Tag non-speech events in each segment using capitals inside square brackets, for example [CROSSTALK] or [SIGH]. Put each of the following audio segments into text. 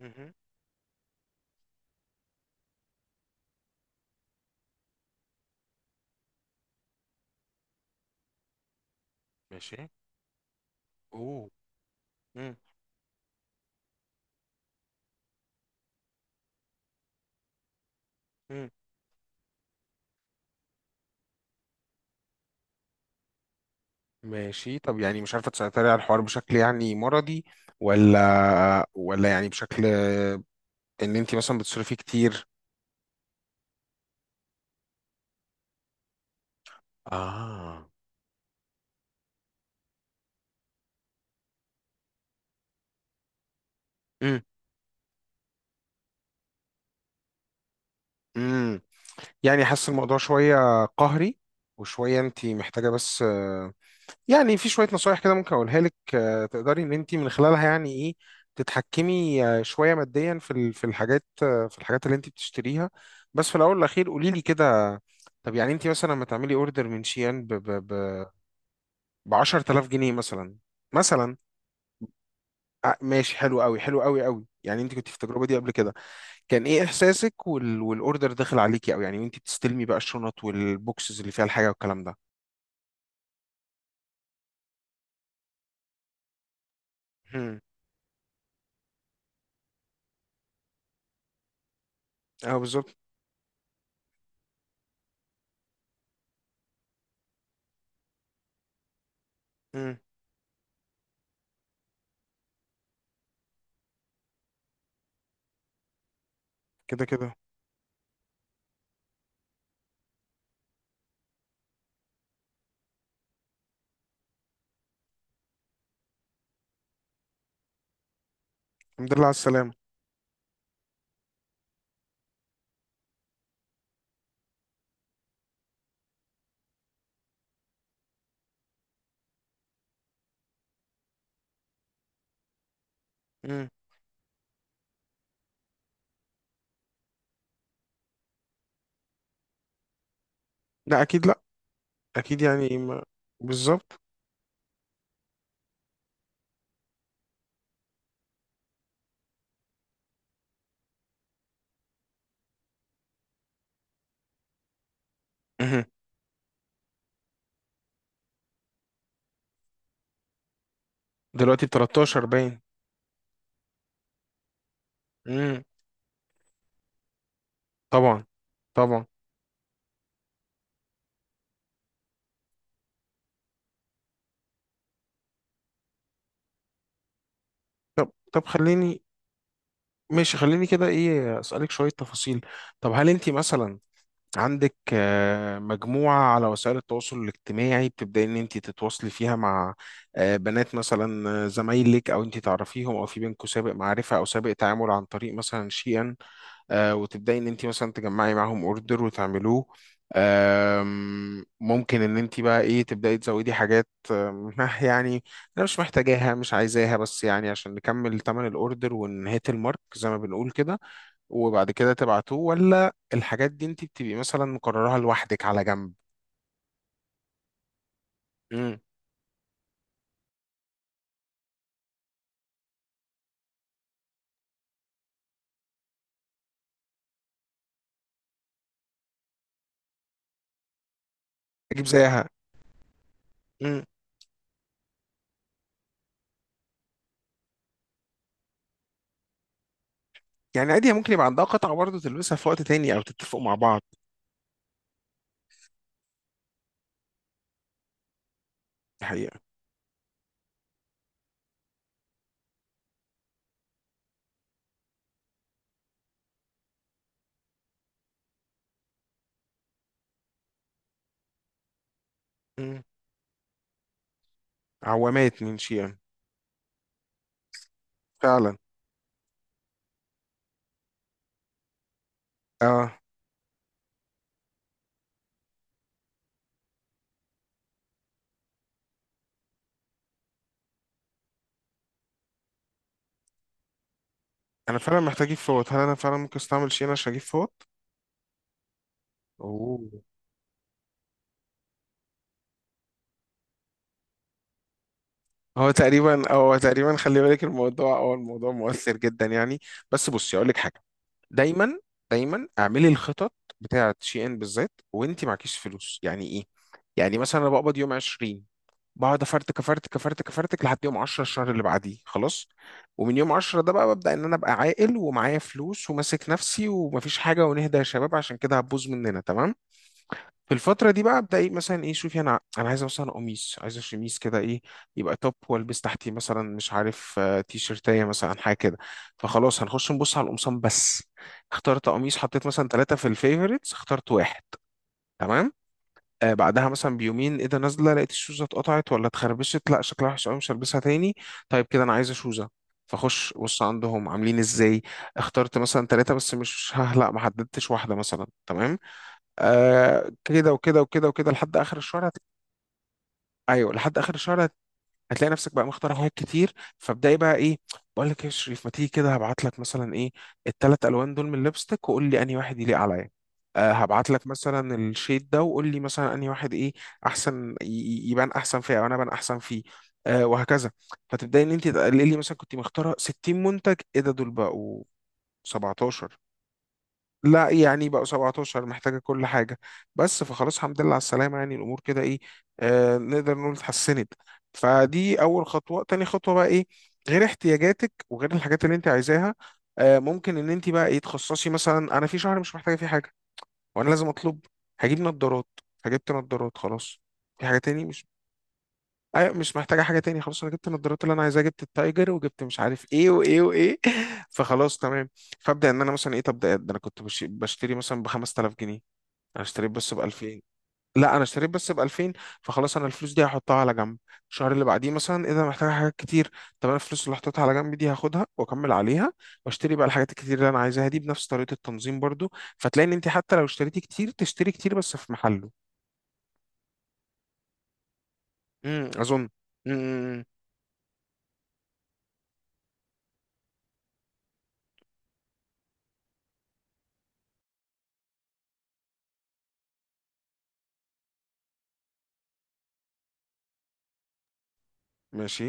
مهم. ماشي. اوه. مم. مم. ماشي. طب يعني مش عارفة تسيطري على الحوار بشكل يعني مرضي، ولا يعني بشكل ان انت مثلا بتصرفي كتير؟ اه مم. امم يعني حاسس الموضوع شوية قهري وشوية انت محتاجة بس. يعني في شوية نصايح كده ممكن أقولها لك، تقدري إن أنت من خلالها يعني إيه تتحكمي، شوية ماديا في في الحاجات، في الحاجات اللي أنت بتشتريها. بس في الأول والأخير قولي لي كده. طب يعني أنت مثلا لما تعملي أوردر من شيان ب 10000 جنيه مثلا. مثلا، ماشي. حلو قوي حلو قوي قوي. يعني أنت كنت في التجربة دي قبل كده، كان إيه إحساسك والأوردر داخل عليكي؟ أو يعني وأنت بتستلمي بقى الشنط والبوكسز اللي فيها الحاجة والكلام ده. هم. أه بالظبط. هم. كده كده. الحمد لله على السلامة. لا اكيد لا. اكيد يعني ما... بالظبط. مهم. دلوقتي ب 13 باين. امم طبعا طبعا. طب خليني. ماشي خليني كده ايه اسالك شويه تفاصيل. طب هل انت مثلا عندك، مجموعه على وسائل التواصل الاجتماعي بتبداي ان انت تتواصلي فيها مع، بنات مثلا، زمايلك او انت تعرفيهم او في بينكم سابق معرفه او سابق تعامل عن طريق مثلا شيئا، وتبداي ان انت مثلا تجمعي معاهم اوردر وتعملوه. ممكن ان انت بقى ايه تبداي تزودي حاجات، [LAUGHS] يعني انا مش محتاجاها مش عايزاها بس يعني عشان نكمل ثمن الاوردر ونهيت المارك زي ما بنقول كده. وبعد كده تبعتوه؟ ولا الحاجات دي انت بتبقي مثلا مقررها لوحدك على جنب؟ امم. اجيب زيها. امم. يعني عادي ممكن يبقى عندها قطعة برضه تلبسها في وقت تاني او تتفقوا مع بعض. الحقيقة. امم. عوامات من شيء. فعلا. اه. انا فعلا محتاج اجيب فوط. هل انا فعلا ممكن استعمل شين عشان اجيب فوط؟ اوه. هو تقريبا خلي بالك، الموضوع هو الموضوع مؤثر جدا يعني. بس بصي اقول لك حاجه. دايما دايما اعملي الخطط بتاعه شي ان بالذات وانت معكيش فلوس يعني ايه. يعني مثلا انا بقبض يوم 20، بقعد افرتك لحد يوم 10 الشهر اللي بعديه خلاص. ومن يوم 10 ده بقى ببدا ان انا ابقى عاقل ومعايا فلوس وماسك نفسي ومفيش حاجه ونهدى يا شباب عشان كده هتبوظ مننا. تمام. في الفترة دي بقى ابدا ايه. مثلا ايه شوفي، انا عايز مثلا قميص، عايز شميس كده ايه، يبقى توب والبس تحتيه مثلا مش عارف، تي شيرتايه مثلا حاجة كده. فخلاص هنخش نبص على القمصان بس. اخترت قميص، حطيت مثلا ثلاثة في الفيفوريتس، اخترت واحد. تمام. آه بعدها مثلا بيومين ايه ده نازلة، لقيت الشوزة اتقطعت ولا اتخربشت، لا شكلها وحش قوي مش هلبسها تاني. طيب كده انا عايزة شوزة. فخش بص عندهم عاملين ازاي. اخترت مثلا ثلاثة، بس مش ها لا ما حددتش واحدة مثلا. تمام. آه كده وكده وكده وكده لحد اخر الشهر هت... ايوه لحد اخر الشهر هت... هتلاقي نفسك بقى مختار حاجات كتير. فابداي بقى ايه، بقول لك ايه يا شريف ما تيجي كده، هبعت لك مثلا ايه الثلاث الوان دول من الليبستيك وقول لي انهي واحد يليق عليا. آه هبعت لك مثلا الشيد ده وقول لي مثلا انهي واحد ايه احسن يبان احسن فيه او انا ابان احسن فيه. آه وهكذا. فتبداي ان انت تقللي، مثلا كنت مختاره 60 منتج، ايه ده دول بقوا 17. لا يعني بقوا 17 محتاجة كل حاجة بس. فخلاص الحمد لله على السلامة يعني الأمور كده إيه، آه نقدر نقول اتحسنت. فدي أول خطوة. تاني خطوة بقى إيه، غير احتياجاتك وغير الحاجات اللي أنت عايزاها. آه ممكن إن أنت بقى إيه تخصصي، مثلا أنا في شهر مش محتاجة فيه حاجة وأنا لازم أطلب، هجيب نظارات. فجبت نظارات خلاص في حاجة تاني مش... ايوه مش محتاجه حاجه تاني. خلاص انا جبت النضارات اللي انا عايزها، جبت التايجر، وجبت مش عارف ايه وايه وايه [LAUGHS] فخلاص تمام. فابدا ان انا مثلا ايه طب ده انا كنت بشتري مثلا ب 5000 جنيه، انا اشتريت بس ب 2000. لا انا اشتريت بس ب 2000. فخلاص انا الفلوس دي هحطها على جنب. الشهر اللي بعديه مثلا ايه ده أنا محتاجه حاجات كتير. طب انا الفلوس اللي حطيتها على جنب دي هاخدها واكمل عليها، واشتري بقى الحاجات الكتير اللي انا عايزاها دي بنفس طريقه التنظيم برضو. فتلاقي ان انت حتى لو اشتريتي كتير تشتري كتير بس في محله. اظن. امم. ماشي.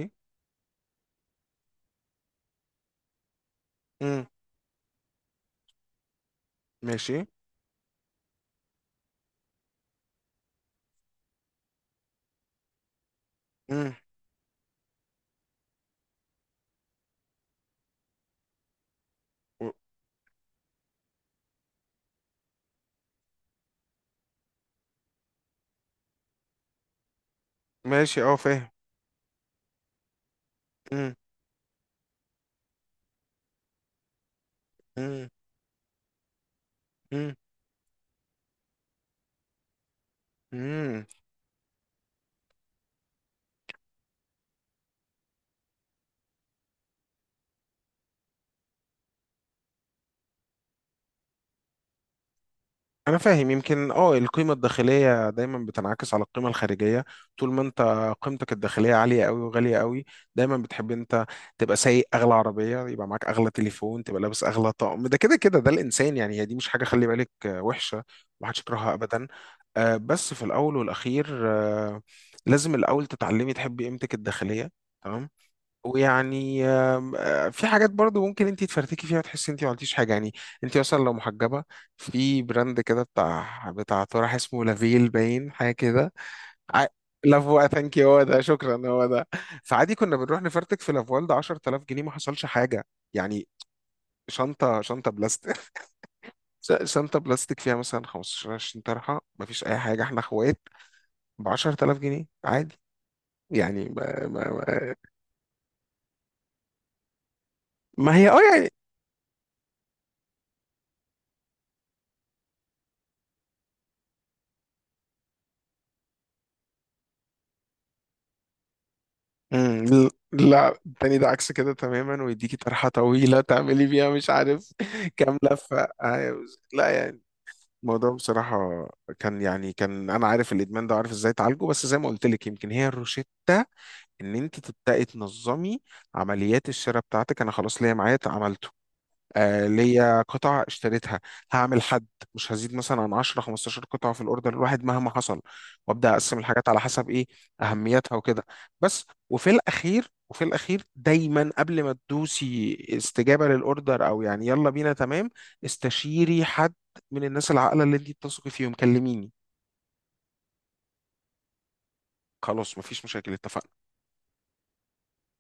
امم. ماشي. مم. و- ماشي اه فاهم. مم. مم. مم. مم. انا فاهم. يمكن اه القيمه الداخليه دايما بتنعكس على القيمه الخارجيه. طول ما انت قيمتك الداخليه عاليه قوي وغاليه قوي، دايما بتحب انت تبقى سايق اغلى عربيه، يبقى معاك اغلى تليفون، تبقى لابس اغلى طقم، ده كده كده ده الانسان يعني. هي دي مش حاجه خلي بالك، وحشه. محدش يكرهها ابدا. بس في الاول والاخير، لازم الاول تتعلمي تحبي قيمتك الداخليه. تمام. ويعني، آم، آه، في حاجات برضو ممكن انت تفرتكي فيها وتحسي انت ما عملتيش حاجه يعني. انت اصلا لو محجبه، في براند كده بتاع طرح اسمه لافيل باين حاجه كده. ع- لافوا ثانك يو. هو ده. شكرا هو ده. فعادي كنا بنروح نفرتك في لافوال ده 10000 جنيه، ما حصلش حاجه يعني. شنطه بلاستيك. [LAUGHS] شنطه بلاستيك فيها مثلا 15 20 طرحه، ما فيش اي حاجه، احنا اخوات ب 10000 جنيه عادي يعني. ما ما هي اه يعني. امم. لا التاني ده عكس كده تماما، ويديكي طرحة طويلة تعملي بيها مش عارف [LAUGHS] كام لفة، لا يعني. الموضوع بصراحة كان يعني كان أنا عارف الإدمان ده وعارف إزاي أعالجه. بس زي ما قلت لك يمكن هي الروشتة إن أنت تبدأي تنظمي عمليات الشراء بتاعتك. أنا خلاص ليا معايا عملته. آه ليا قطع اشتريتها. هعمل حد، مش هزيد مثلا عن 10 15 قطعة في الاوردر الواحد مهما حصل. وابدا اقسم الحاجات على حسب ايه اهميتها وكده بس. وفي الاخير وفي الاخير دايما قبل ما تدوسي استجابة للاوردر او يعني يلا بينا تمام، استشيري حد من الناس العاقلة اللي انت بتثقي فيهم. كلميني. خلاص مفيش مشاكل. اتفقنا.